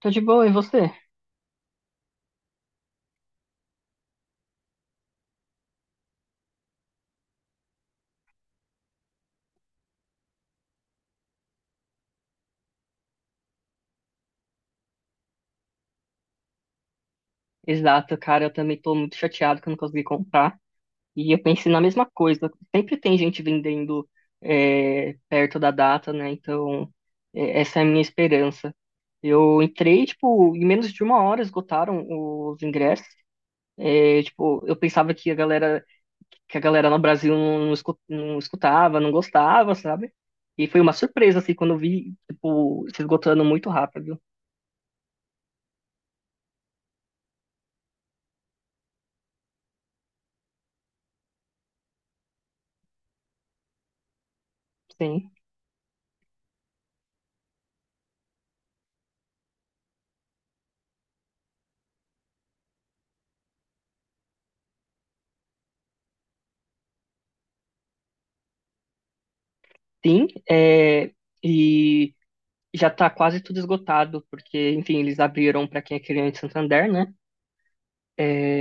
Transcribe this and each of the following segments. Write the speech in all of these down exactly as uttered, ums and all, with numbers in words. Tô de boa, e você? Exato, cara, eu também tô muito chateado que eu não consegui comprar. E eu pensei na mesma coisa. Sempre tem gente vendendo é, perto da data, né? Então, é, essa é a minha esperança. Eu entrei, tipo, em menos de uma hora esgotaram os ingressos. É, tipo, eu pensava que a galera, que a galera no Brasil não, escu- não escutava, não gostava, sabe? E foi uma surpresa, assim, quando eu vi, tipo, se esgotando muito rápido. Sim, sim. É, e já tá quase tudo esgotado, porque, enfim, eles abriram para quem é cliente Santander, né? É,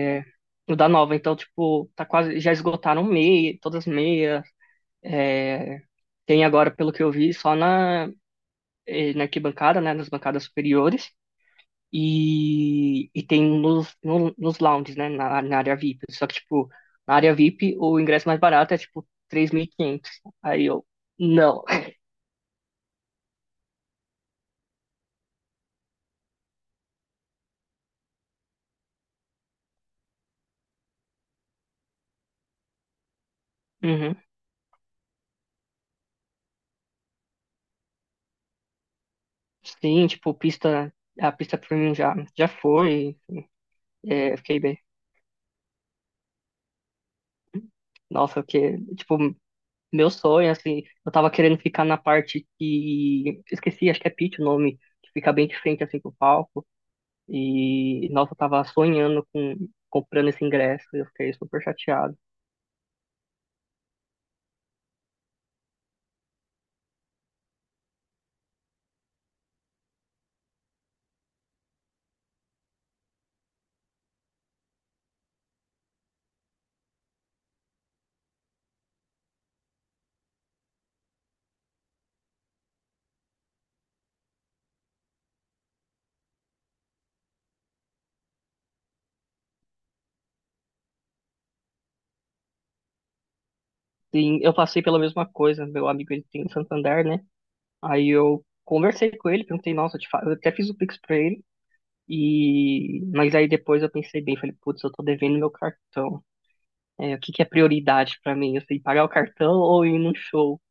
no da Nova, então, tipo, tá quase, já esgotaram meia, todas as meias. É, tem agora, pelo que eu vi, só na, eh, na arquibancada, né? Nas bancadas superiores. E, e tem nos, no- nos lounges, né? Na, na área V I P. Só que, tipo, na área V I P, o ingresso mais barato é, tipo, três mil e quinhentos. Aí eu, não. Uhum. Sim, tipo, pista, a pista premium já, já foi. É, fiquei bem. Nossa, que, tipo, meu sonho, assim, eu tava querendo ficar na parte que, esqueci, acho que é pit o nome, que fica bem de frente, assim, pro palco, e, nossa, eu tava sonhando com, comprando esse ingresso, e eu fiquei super chateado. Sim, eu passei pela mesma coisa, meu amigo, ele tem em Santander, né, aí eu conversei com ele, perguntei, nossa, eu, te fa- eu até fiz o Pix pra ele, e, mas aí depois eu pensei bem, falei, putz, eu tô devendo meu cartão, é, o que que é prioridade pra mim, assim, pagar o cartão ou ir num show?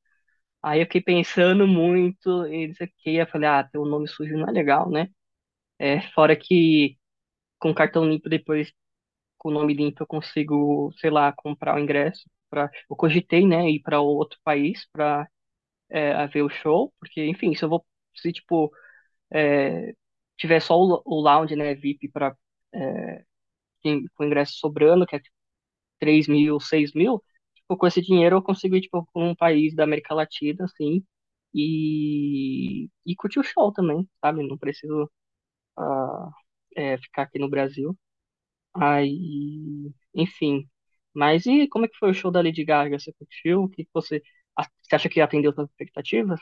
Aí eu fiquei pensando muito e não sei o que. Eu falei, ah, ter um nome sujo não é legal, né? É, fora que com cartão limpo depois, com o nome limpo, eu consigo, sei lá, comprar o ingresso. Pra... Eu cogitei, né, ir para outro país para ver o show, porque, enfim, se eu vou, se tipo, é, tiver só o, lo- o lounge, né, V I P, para com ingresso sobrando, que é três mil, seis mil, tipo, com esse dinheiro eu consigo ir, tipo, pra um país da América Latina, assim, e, e curtir o show também, sabe? Não preciso ah, é, ficar aqui no Brasil. Aí, enfim. Mas e como é que foi o show da Lady Gaga? Você curtiu? O que que você, a- Você acha que atendeu suas expectativas?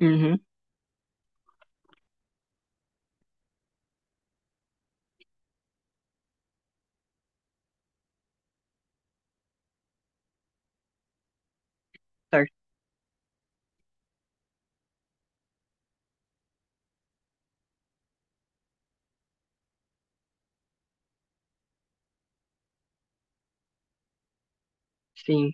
Uhum, certo. Sim,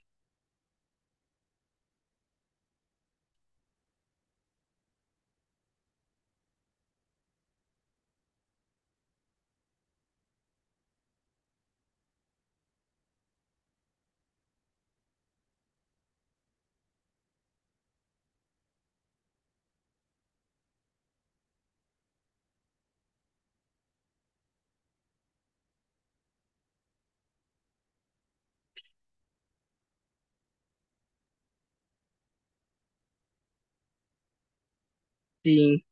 sim.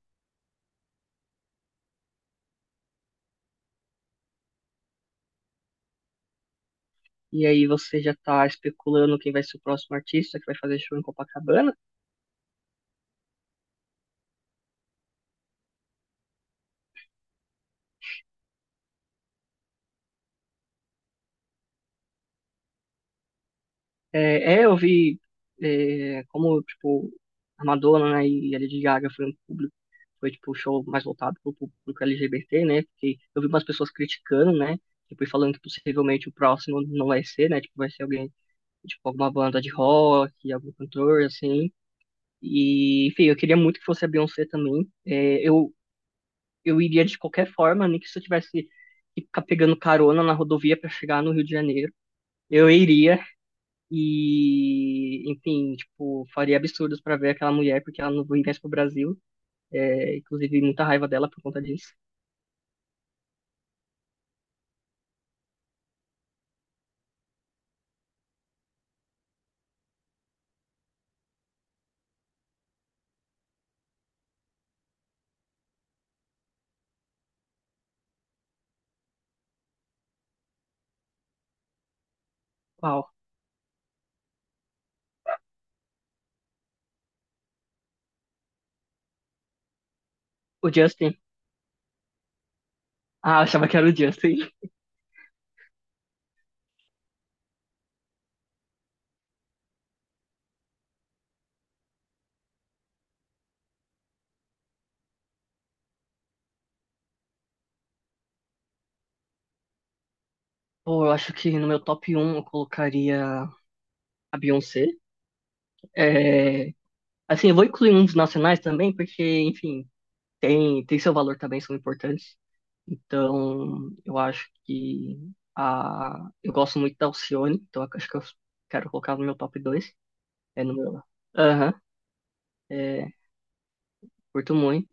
E aí você já tá especulando quem vai ser o próximo artista que vai fazer show em Copacabana? É, é, eu vi é, como, tipo, a Madonna, né, e a Lady Gaga foi um público, foi, tipo, o show mais voltado pro público L G B T, né, porque eu vi umas pessoas criticando, né, depois falando que possivelmente o próximo não vai ser, né, tipo, vai ser alguém, tipo, alguma banda de rock, algum cantor, assim, e, enfim, eu queria muito que fosse a Beyoncé também. É, eu, eu iria de qualquer forma, nem que se eu tivesse que ficar pegando carona na rodovia para chegar no Rio de Janeiro, eu iria, e, enfim, tipo, faria absurdos pra ver aquela mulher, porque ela não viesse pro Brasil. É, inclusive, muita raiva dela por conta disso. Uau. O Justin. Ah, eu achava que era o Justin. Pô, eu acho que no meu top um eu colocaria a Beyoncé. É, assim, eu vou incluir uns nacionais também, porque, enfim, tem, tem seu valor também, são importantes. Então, eu acho que a, eu gosto muito da Alcione, então eu acho que eu quero colocar no meu top dois. É no meu. Aham. é, Curto muito.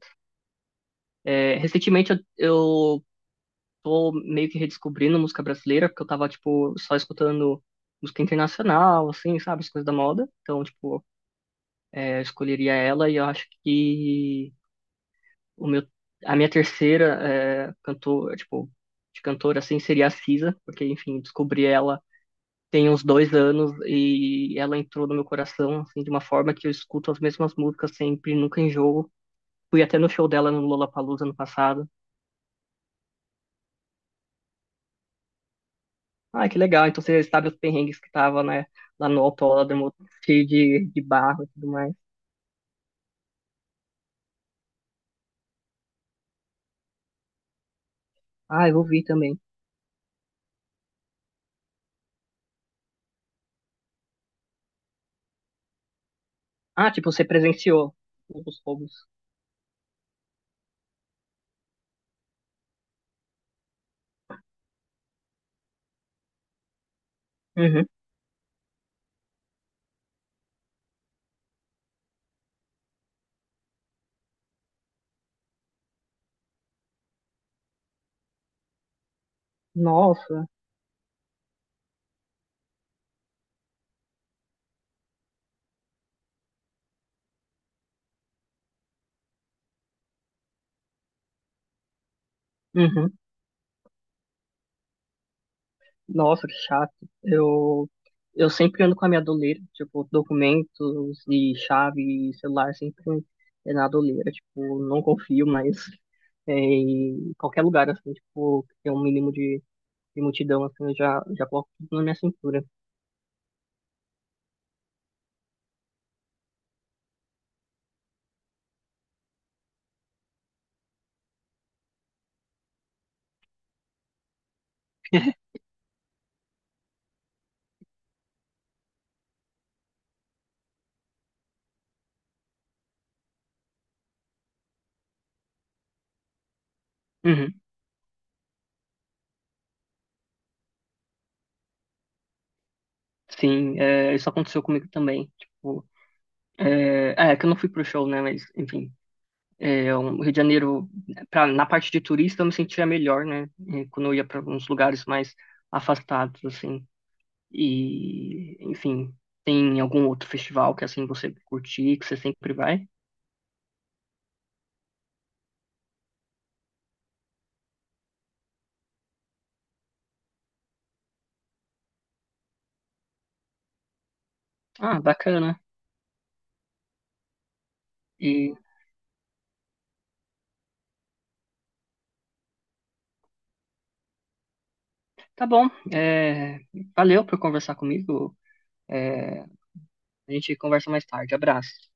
É, recentemente eu, eu tô meio que redescobrindo música brasileira, porque eu tava, tipo, só escutando música internacional, assim, sabe, as coisas da moda. Então, tipo, é, eu escolheria ela e eu acho que o meu, a minha terceira é, cantora, tipo, de cantora, assim, seria a Cisa, porque, enfim, descobri ela tem uns dois anos e ela entrou no meu coração, assim, de uma forma que eu escuto as mesmas músicas sempre, nunca enjoo. Fui até no show dela no Lollapalooza ano passado. Ah, que legal. Então você sabe os perrengues que tava, né, lá no autódromo, cheio de, de barro e tudo mais. Ah, eu ouvi também. Ah, tipo, você presenciou os roubos. Uhum. Nossa. Uhum. Nossa, que chato. Eu, eu sempre ando com a minha doleira, tipo, documentos e chave e celular sempre é na doleira. Tipo, não confio mais é, em qualquer lugar, assim, tipo, que tem um mínimo de, de multidão, assim, eu já, já coloco tudo na minha cintura. Uhum. Sim, é, isso aconteceu comigo também. Tipo, é, é que eu não fui pro show, né? Mas, enfim, é, o Rio de Janeiro, pra, na parte de turista, eu me sentia melhor, né? é, Quando eu ia para uns lugares mais afastados, assim. E, enfim, tem algum outro festival que, assim, você curtir, que você sempre vai? Ah, bacana. E tá bom. é, Valeu por conversar comigo. É, a gente conversa mais tarde. Abraço.